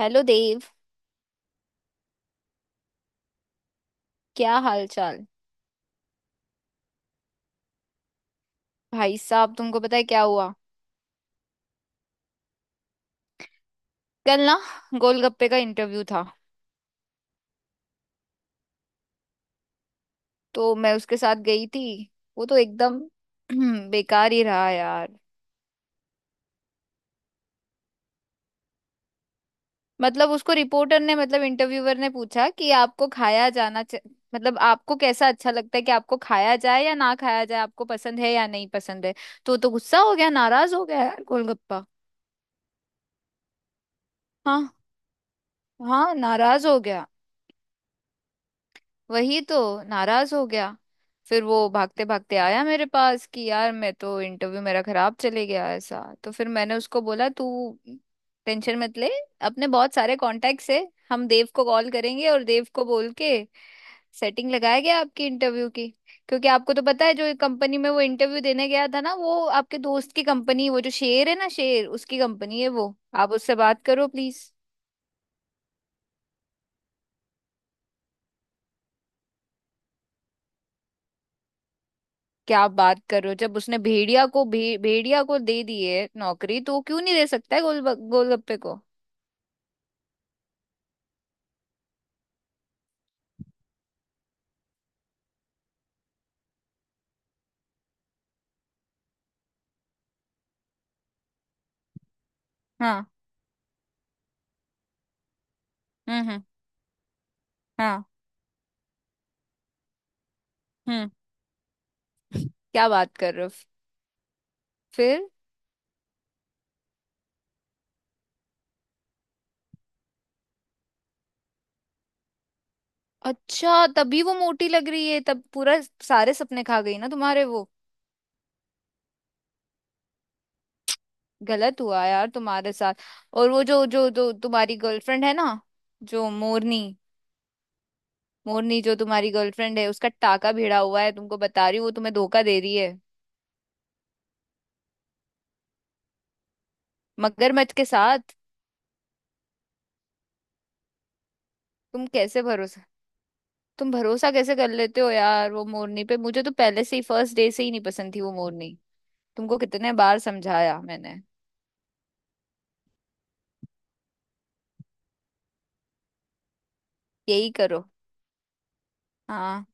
Hello Dev. क्या हाल चाल। भाई साहब, तुमको पता है क्या हुआ? कल ना गोलगप्पे का इंटरव्यू था। तो मैं उसके साथ गई थी। वो तो एकदम बेकार ही रहा यार। मतलब उसको रिपोर्टर ने, मतलब इंटरव्यूअर ने पूछा कि आपको खाया जाना चा... मतलब आपको कैसा अच्छा लगता है कि आपको खाया जाए या ना खाया जाए, आपको पसंद है या नहीं पसंद है। तो वो तो गुस्सा हो गया, नाराज हो गया यार गोलगप्पा। हाँ। हाँ, नाराज हो गया। वही तो, नाराज हो गया। फिर वो भागते भागते आया मेरे पास कि यार मैं तो इंटरव्यू मेरा खराब चले गया ऐसा। तो फिर मैंने उसको बोला, तू टेंशन मत ले। अपने बहुत सारे कॉन्टेक्ट्स है। हम देव को कॉल करेंगे और देव को बोल के सेटिंग लगाया गया आपकी इंटरव्यू की। क्योंकि आपको तो पता है जो कंपनी में वो इंटरव्यू देने गया था ना, वो आपके दोस्त की कंपनी, वो जो शेर है ना, शेर, उसकी कंपनी है वो। आप उससे बात करो प्लीज। क्या बात कर रहे हो, जब उसने भेड़िया को भेड़िया को दे दी है नौकरी, तो वो क्यों नहीं दे सकता है गोल गोलगप्पे को? हाँ। हम्म। हाँ। हम्म। क्या बात कर रहे हो? फिर? अच्छा, तभी वो मोटी लग रही है, तब पूरा सारे सपने खा गई ना तुम्हारे वो। गलत हुआ यार तुम्हारे साथ। और वो जो जो जो तुम्हारी गर्लफ्रेंड है ना, जो मोरनी। मोरनी जो तुम्हारी गर्लफ्रेंड है उसका टाका भिड़ा हुआ है, तुमको बता रही हूँ। वो तुम्हें धोखा दे रही है। मगरमच्छ के साथ। तुम कैसे भरोसा तुम भरोसा कैसे कर लेते हो यार वो मोरनी पे? मुझे तो पहले से ही, फर्स्ट डे से ही नहीं पसंद थी वो मोरनी। तुमको कितने बार समझाया मैंने। यही करो। हाँ।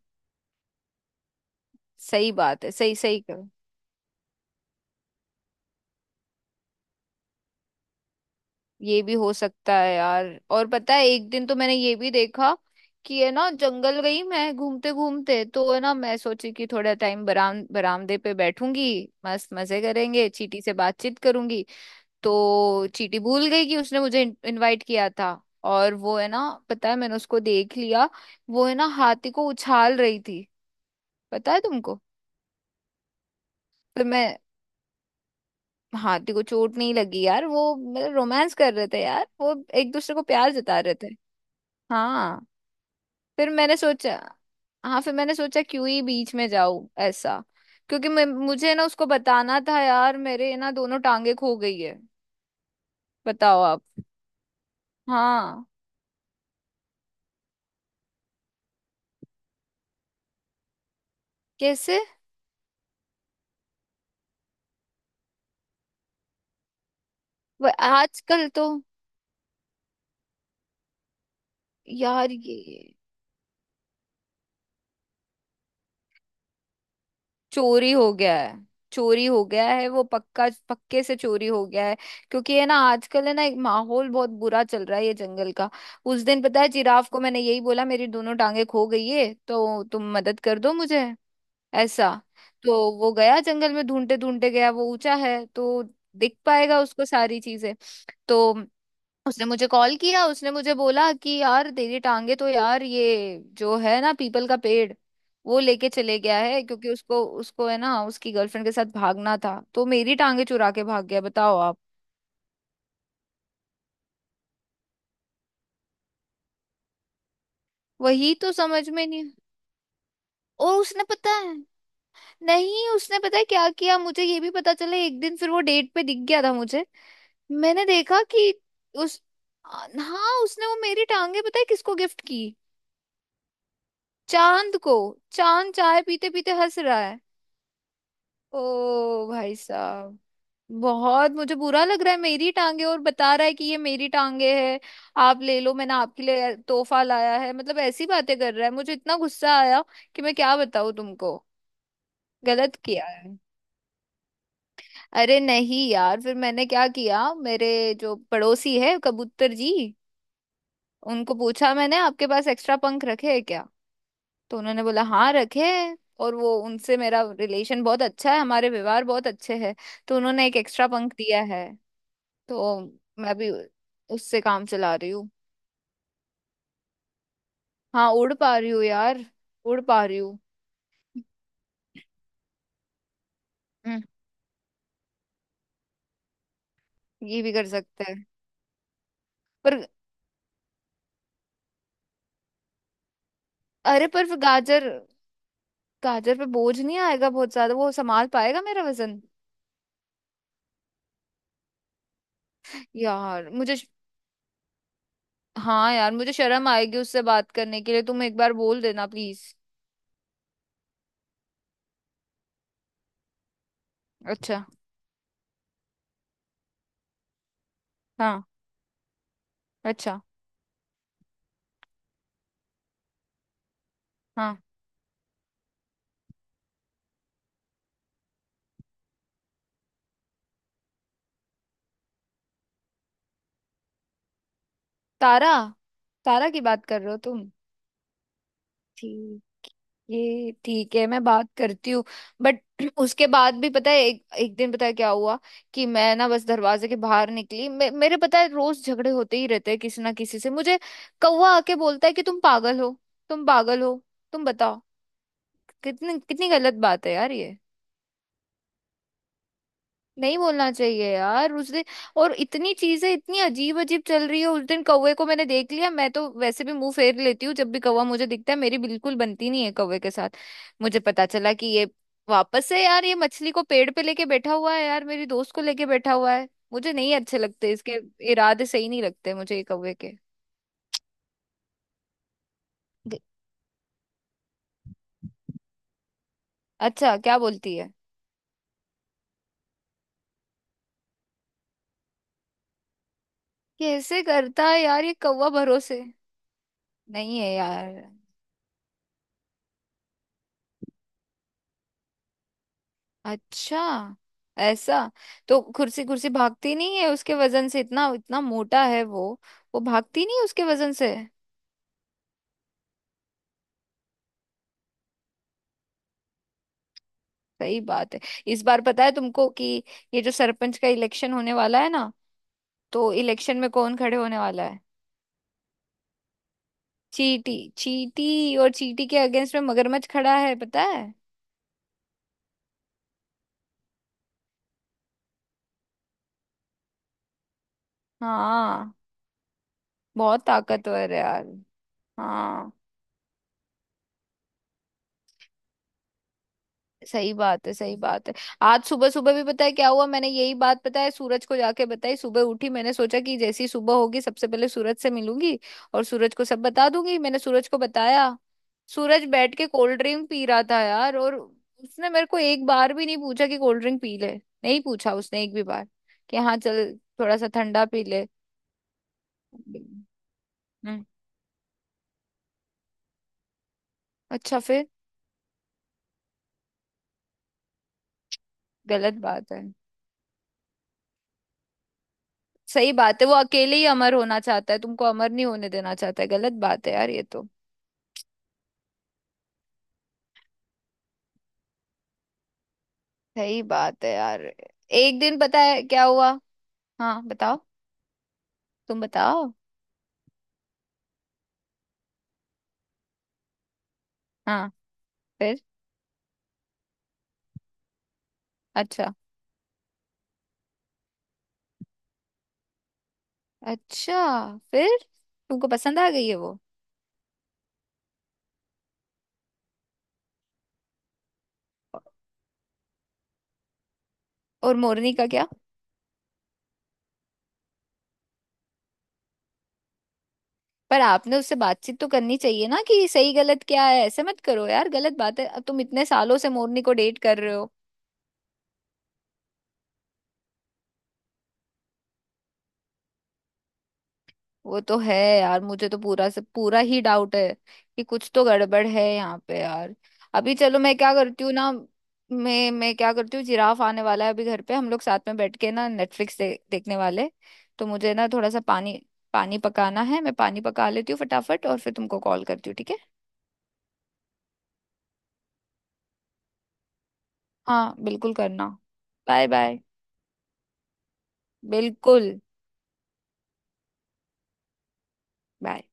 सही बात है, सही सही करो। ये भी हो सकता है यार। और पता है एक दिन तो मैंने ये भी देखा कि है ना, जंगल गई मैं घूमते घूमते, तो है ना मैं सोची कि थोड़ा टाइम बरामदे पे बैठूंगी। मस्त मजे करेंगे, चींटी से बातचीत करूंगी। तो चीटी भूल गई कि उसने मुझे इनवाइट किया था। और वो है ना, पता है मैंने उसको देख लिया, वो है ना हाथी को उछाल रही थी। पता है तुमको? फिर मैं, हाथी को चोट नहीं लगी यार। वो मतलब रोमांस कर रहे थे यार वो, एक दूसरे को प्यार जता रहे थे। हाँ। फिर मैंने सोचा, हाँ फिर मैंने सोचा क्यों ही बीच में जाऊं ऐसा। क्योंकि मैं मुझे ना उसको बताना था यार, मेरे ना दोनों टांगे खो गई है। बताओ आप। हाँ। कैसे? वो आजकल तो, यार ये चोरी हो गया है। चोरी हो गया है वो, पक्का पक्के से चोरी हो गया है। क्योंकि है ना आजकल है ना एक माहौल बहुत बुरा चल रहा है ये जंगल का। उस दिन पता है जिराफ को मैंने यही बोला, मेरी दोनों टांगे खो गई है तो तुम मदद कर दो मुझे ऐसा। तो वो गया, जंगल में ढूंढते ढूंढते गया। वो ऊंचा है तो दिख पाएगा उसको सारी चीजें। तो उसने मुझे कॉल किया, उसने मुझे बोला कि यार तेरी टांगे तो यार ये जो है ना पीपल का पेड़, वो लेके चले गया है। क्योंकि उसको उसको है ना, उसकी गर्लफ्रेंड के साथ भागना था, तो मेरी टांगे चुरा के भाग गया। बताओ आप। वही तो समझ में नहीं। और उसने पता है, नहीं उसने पता है क्या किया, मुझे ये भी पता चला। एक दिन फिर वो डेट पे दिख गया था मुझे। मैंने देखा कि उस आ, हाँ उसने वो मेरी टांगे पता है किसको गिफ्ट की? चांद को। चांद चाय पीते पीते हंस रहा है। ओ भाई साहब। बहुत मुझे बुरा लग रहा है, मेरी टांगे और बता रहा है कि ये मेरी टांगे है, आप ले लो, मैंने आपके लिए तोहफा लाया है, मतलब ऐसी बातें कर रहा है। मुझे इतना गुस्सा आया कि मैं क्या बताऊं तुमको। गलत किया है। अरे नहीं यार, फिर मैंने क्या किया, मेरे जो पड़ोसी है कबूतर जी, उनको पूछा मैंने, आपके पास एक्स्ट्रा पंख रखे हैं क्या? तो उन्होंने बोला हाँ रखे हैं, और वो उनसे मेरा रिलेशन बहुत अच्छा है, हमारे व्यवहार बहुत अच्छे हैं। तो उन्होंने एक एक्स्ट्रा पंख दिया है। तो मैं भी उससे काम चला रही हूँ। हाँ, उड़ पा रही हूँ यार, उड़ पा रही हूँ। हम्म। ये भी कर सकते हैं। पर अरे पर फिर गाजर, गाजर पे बोझ नहीं आएगा बहुत ज्यादा? वो संभाल पाएगा मेरा वजन? यार मुझे हाँ यार, मुझे शर्म आएगी उससे बात करने के लिए, तुम एक बार बोल देना प्लीज। अच्छा। हाँ। अच्छा। हाँ। तारा। तारा की बात कर रहे हो तुम? ठीक, ये ठीक है, मैं बात करती हूँ। बट उसके बाद भी पता है एक, एक दिन पता है क्या हुआ, कि मैं ना बस दरवाजे के बाहर निकली। मेरे पता है रोज झगड़े होते ही रहते हैं किसी ना किसी से मुझे। कौवा आके बोलता है कि तुम पागल हो, तुम पागल हो। तुम बताओ, कितनी कितनी गलत बात है यार ये। नहीं बोलना चाहिए यार। उस दिन और इतनी चीजें इतनी अजीब अजीब चल रही है। उस दिन कौवे को मैंने देख लिया, मैं तो वैसे भी मुंह फेर लेती हूँ जब भी कौवा मुझे दिखता है, मेरी बिल्कुल बनती नहीं है कौवे के साथ। मुझे पता चला कि ये वापस से यार ये मछली को पेड़ पे लेके बैठा हुआ है, यार मेरी दोस्त को लेके बैठा हुआ है। मुझे नहीं अच्छे लगते इसके, इरादे सही नहीं लगते मुझे ये कौवे के। दे- अच्छा, क्या बोलती है? कैसे करता है यार ये कौवा? भरोसे नहीं है यार। अच्छा, ऐसा? तो कुर्सी कुर्सी भागती नहीं है उसके वजन से? इतना इतना मोटा है वो। वो भागती नहीं है उसके वजन से। सही बात है। इस बार पता है तुमको कि ये जो सरपंच का इलेक्शन होने वाला है ना, तो इलेक्शन में कौन खड़े होने वाला है? चींटी। चींटी और चींटी के अगेंस्ट में मगरमच्छ खड़ा है, पता है। हाँ। बहुत ताकतवर है यार। हाँ। सही बात है, सही बात है। आज सुबह सुबह भी पता है क्या हुआ, मैंने यही बात पता है सूरज को जाके बताई। सुबह उठी, मैंने सोचा कि जैसी सुबह होगी सबसे पहले सूरज से मिलूंगी और सूरज को सब बता दूंगी। मैंने सूरज को बताया। सूरज बैठ के कोल्ड ड्रिंक पी रहा था यार, और उसने मेरे को एक बार भी नहीं पूछा कि कोल्ड ड्रिंक पी ले। नहीं पूछा उसने एक भी बार कि हाँ चल थोड़ा सा ठंडा पी ले। हम्म। अच्छा, फिर? गलत बात है। सही बात है, वो अकेले ही अमर होना चाहता है, तुमको अमर नहीं होने देना चाहता है। गलत बात है यार ये तो। सही बात है यार। एक दिन पता है क्या हुआ। हाँ बताओ। तुम बताओ। हाँ। फिर? अच्छा। अच्छा, फिर तुमको पसंद आ गई है वो? और मोरनी का क्या? पर आपने उससे बातचीत तो करनी चाहिए ना कि सही गलत क्या है, ऐसे मत करो यार, गलत बात है। अब तुम इतने सालों से मोरनी को डेट कर रहे हो। वो तो है, यार मुझे तो पूरा से पूरा ही डाउट है कि कुछ तो गड़बड़ है यहाँ पे यार। अभी चलो, मैं क्या करती हूँ ना, मैं क्या करती हूँ, जिराफ आने वाला है अभी घर पे, हम लोग साथ में बैठ के ना नेटफ्लिक्स देखने वाले। तो मुझे ना थोड़ा सा पानी, पानी पकाना है, मैं पानी पका लेती हूँ फटाफट और फिर तुमको कॉल करती हूँ, ठीक है? हाँ, बिल्कुल करना। Bye bye. बिल्कुल। बाय।